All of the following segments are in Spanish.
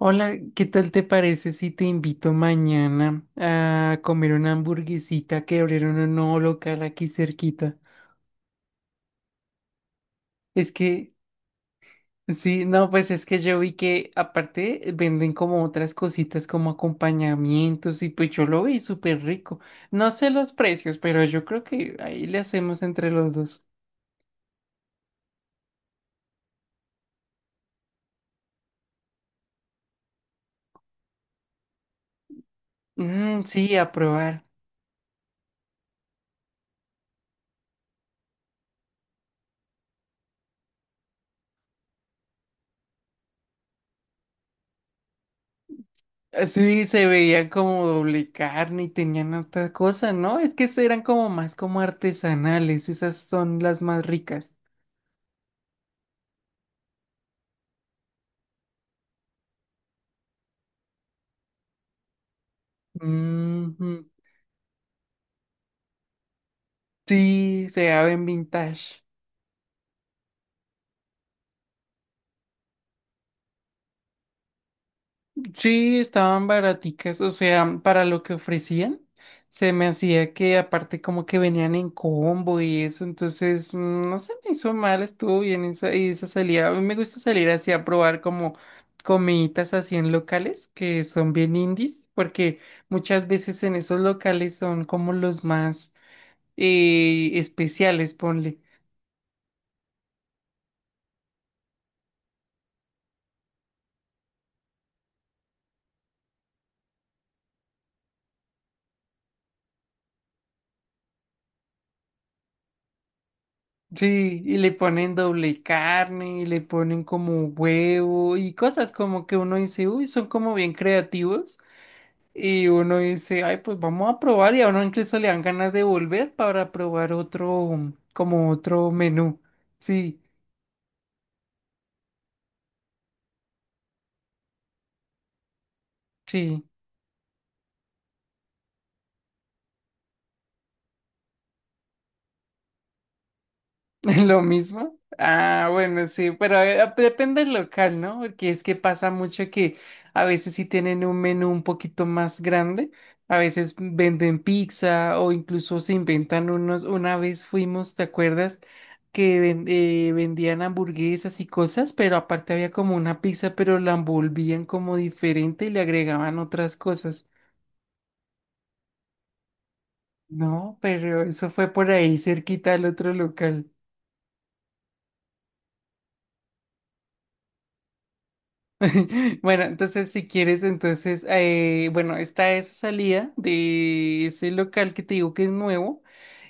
Hola, ¿qué tal te parece si te invito mañana a comer una hamburguesita que abrieron un nuevo local aquí cerquita? Es que, sí, no, pues es que yo vi que aparte venden como otras cositas como acompañamientos y pues yo lo vi súper rico. No sé los precios, pero yo creo que ahí le hacemos entre los dos. Mm, sí, a probar. Sí, se veían como doble carne y tenían otra cosa, ¿no? Es que eran como más como artesanales, esas son las más ricas. Ujú. Sí, se ven vintage. Sí, estaban baraticas, o sea, para lo que ofrecían, se me hacía que aparte como que venían en combo y eso, entonces no se me hizo mal, estuvo bien esa, y esa salida. A mí me gusta salir así a probar como comiditas así en locales que son bien indies, porque muchas veces en esos locales son como los más especiales, ponle. Sí, y le ponen doble carne, y le ponen como huevo y cosas como que uno dice, uy, son como bien creativos. Y uno dice, ay, pues vamos a probar y a uno incluso le dan ganas de volver para probar otro, como otro menú. Sí, sí. Lo mismo. Ah, bueno, sí, pero pues, depende del local, ¿no? Porque es que pasa mucho que a veces sí tienen un menú un poquito más grande, a veces venden pizza o incluso se inventan unos. Una vez fuimos, ¿te acuerdas? Vendían hamburguesas y cosas, pero aparte había como una pizza, pero la envolvían como diferente y le agregaban otras cosas. No, pero eso fue por ahí cerquita del otro local. Bueno, entonces si quieres, entonces, bueno, está esa salida de ese local que te digo que es nuevo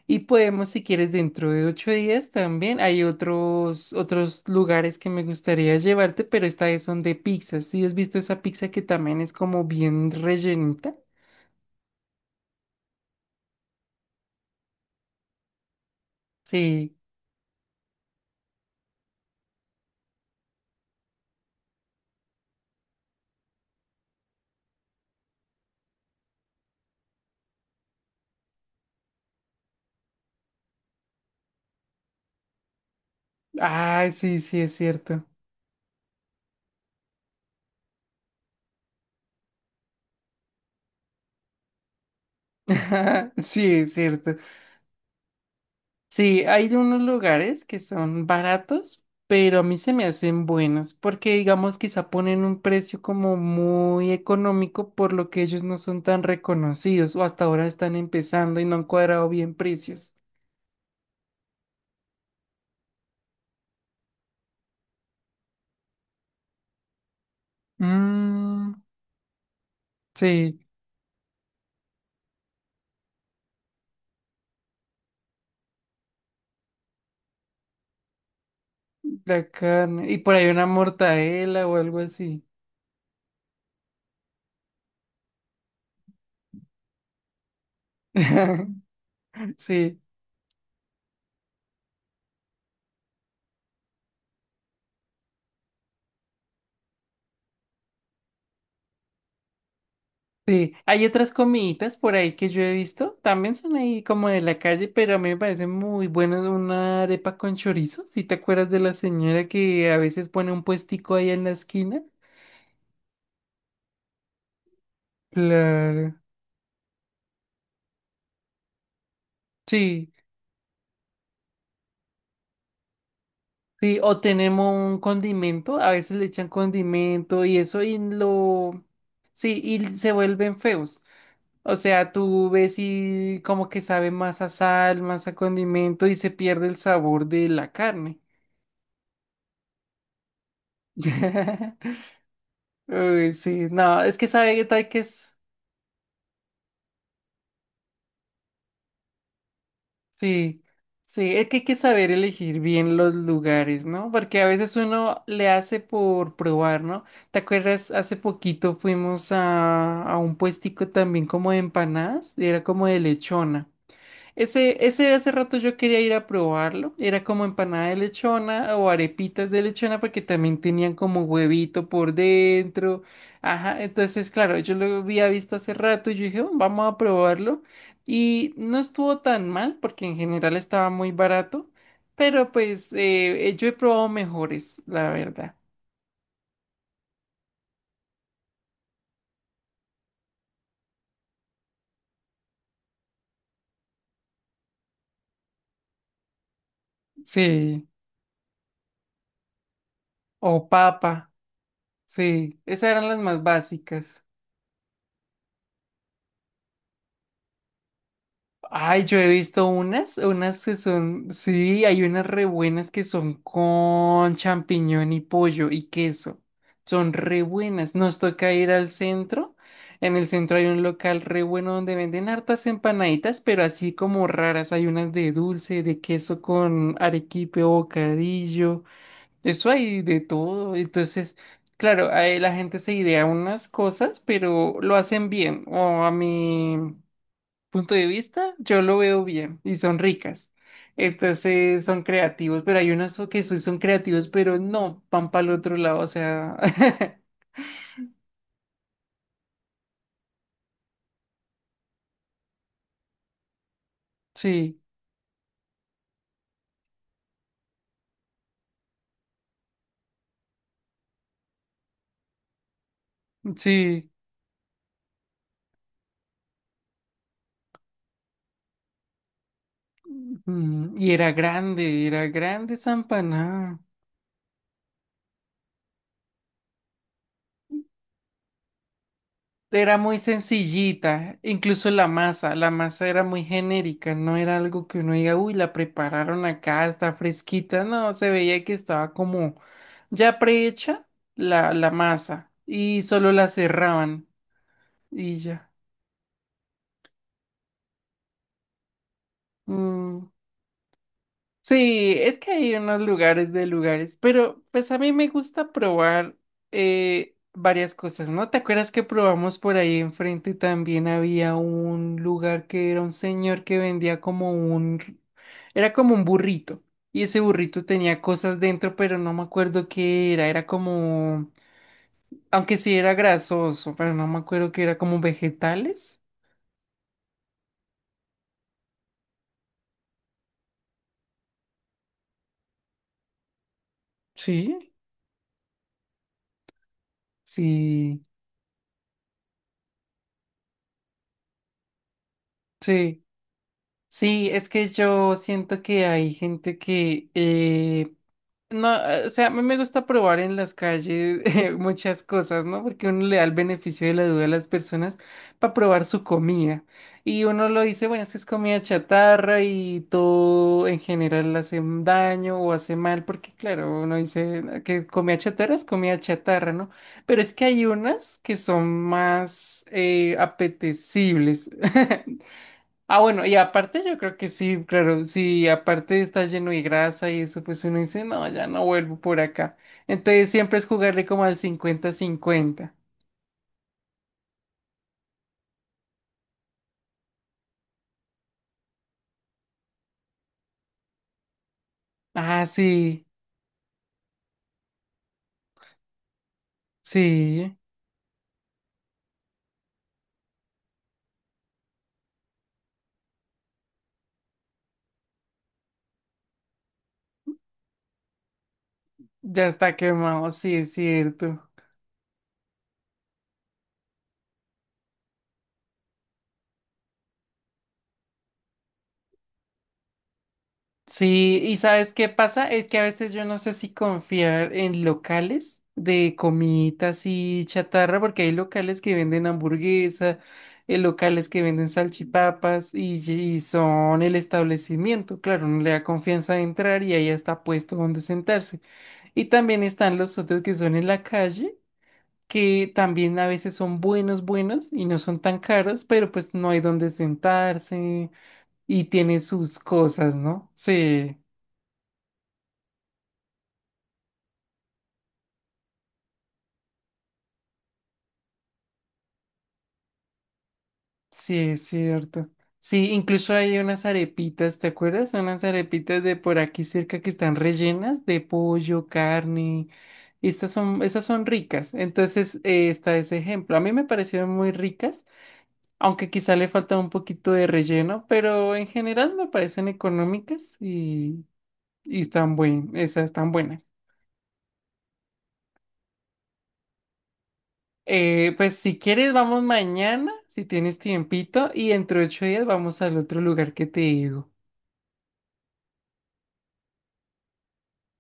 y podemos, si quieres, dentro de 8 días también. Hay otros lugares que me gustaría llevarte, pero esta vez son de pizzas. ¿Sí has visto esa pizza que también es como bien rellenita? Sí. Ah, sí, sí, es cierto. Sí, es cierto. Sí, hay unos lugares que son baratos, pero a mí se me hacen buenos, porque digamos quizá ponen un precio como muy económico por lo que ellos no son tan reconocidos o hasta ahora están empezando y no han cuadrado bien precios. Mm, sí, la carne. Y por ahí una mortadela o algo así. Sí. Sí, hay otras comiditas por ahí que yo he visto, también son ahí como de la calle, pero a mí me parece muy buena una arepa con chorizo, si te acuerdas de la señora que a veces pone un puestico ahí en la esquina. Claro, sí, sí, o tenemos un condimento, a veces le echan condimento y eso y lo, sí, y se vuelven feos. O sea, tú ves y como que sabe más a sal, más a condimento y se pierde el sabor de la carne. Uy, sí, no, es que sabe que hay que, s- sí, sí, es que hay que saber elegir bien los lugares, ¿no? Porque a veces uno le hace por probar, ¿no? ¿Te acuerdas? Hace poquito fuimos a un puestico también como de empanadas, y era como de lechona. Ese hace rato yo quería ir a probarlo. Era como empanada de lechona o arepitas de lechona porque también tenían como huevito por dentro. Ajá, entonces claro, yo lo había visto hace rato y yo dije, "Oh, vamos a probarlo. Y no estuvo tan mal porque en general estaba muy barato, pero pues yo he probado mejores, la verdad. Sí, o papa, sí, esas eran las más básicas. Ay, yo he visto unas, unas que son, sí, hay unas re buenas que son con champiñón y pollo y queso. Son re buenas. Nos toca ir al centro. En el centro hay un local re bueno donde venden hartas empanaditas, pero así como raras. Hay unas de dulce, de queso con arequipe o bocadillo. Eso hay de todo. Entonces, claro, ahí la gente se idea unas cosas, pero lo hacen bien. O a mí punto de vista, yo lo veo bien y son ricas. Entonces son creativos, pero hay unos que sí son creativos, pero no van para el otro lado, o sea, sí, sí. Mm, y era grande esa empanada. Era muy sencillita, incluso la masa era muy genérica, no era algo que uno diga, uy, la prepararon acá, está fresquita, no, se veía que estaba como ya prehecha la masa y solo la cerraban. Y ya. Mm, sí, es que hay unos lugares de lugares, pero pues a mí me gusta probar varias cosas, ¿no? ¿Te acuerdas que probamos por ahí enfrente también había un lugar que era un señor que vendía como un, r- era como un burrito y ese burrito tenía cosas dentro, pero no me acuerdo qué era, era como, aunque sí era grasoso, pero no me acuerdo qué era como vegetales. Sí, sí, sí. Sí, es que yo siento que hay gente que, no, o sea, a mí me gusta probar en las calles muchas cosas, ¿no? Porque uno le da el beneficio de la duda a las personas para probar su comida. Y uno lo dice, bueno, es que es comida chatarra y todo en general hace un daño o hace mal, porque claro, uno dice "Ah, que comida chatarra es comida chatarra, ¿no? Pero es que hay unas que son más apetecibles. Ah, bueno, y aparte yo creo que sí, claro, sí, aparte está lleno de grasa y eso, pues uno dice, no, ya no vuelvo por acá. Entonces siempre es jugarle como al 50-50. Ah, sí, sí, ya está quemado, sí, es cierto. Sí, y ¿sabes qué pasa? Es que a veces yo no sé si confiar en locales de comiditas y chatarra, porque hay locales que venden hamburguesa, locales que venden salchipapas y son el establecimiento. Claro, no le da confianza de entrar y ahí está puesto donde sentarse. Y también están los otros que son en la calle, que también a veces son buenos, buenos y no son tan caros, pero pues no hay donde sentarse y tiene sus cosas, ¿no? Sí. Sí, es cierto. Sí, incluso hay unas arepitas, ¿te acuerdas? Unas arepitas de por aquí cerca que están rellenas de pollo, carne. Estas son, esas son ricas. Entonces, está ese ejemplo. A mí me parecieron muy ricas, aunque quizá le falta un poquito de relleno, pero en general me parecen económicas y están buen, esas están buenas. Pues si quieres, vamos mañana, si tienes tiempito, y entre 8 días vamos al otro lugar que te digo.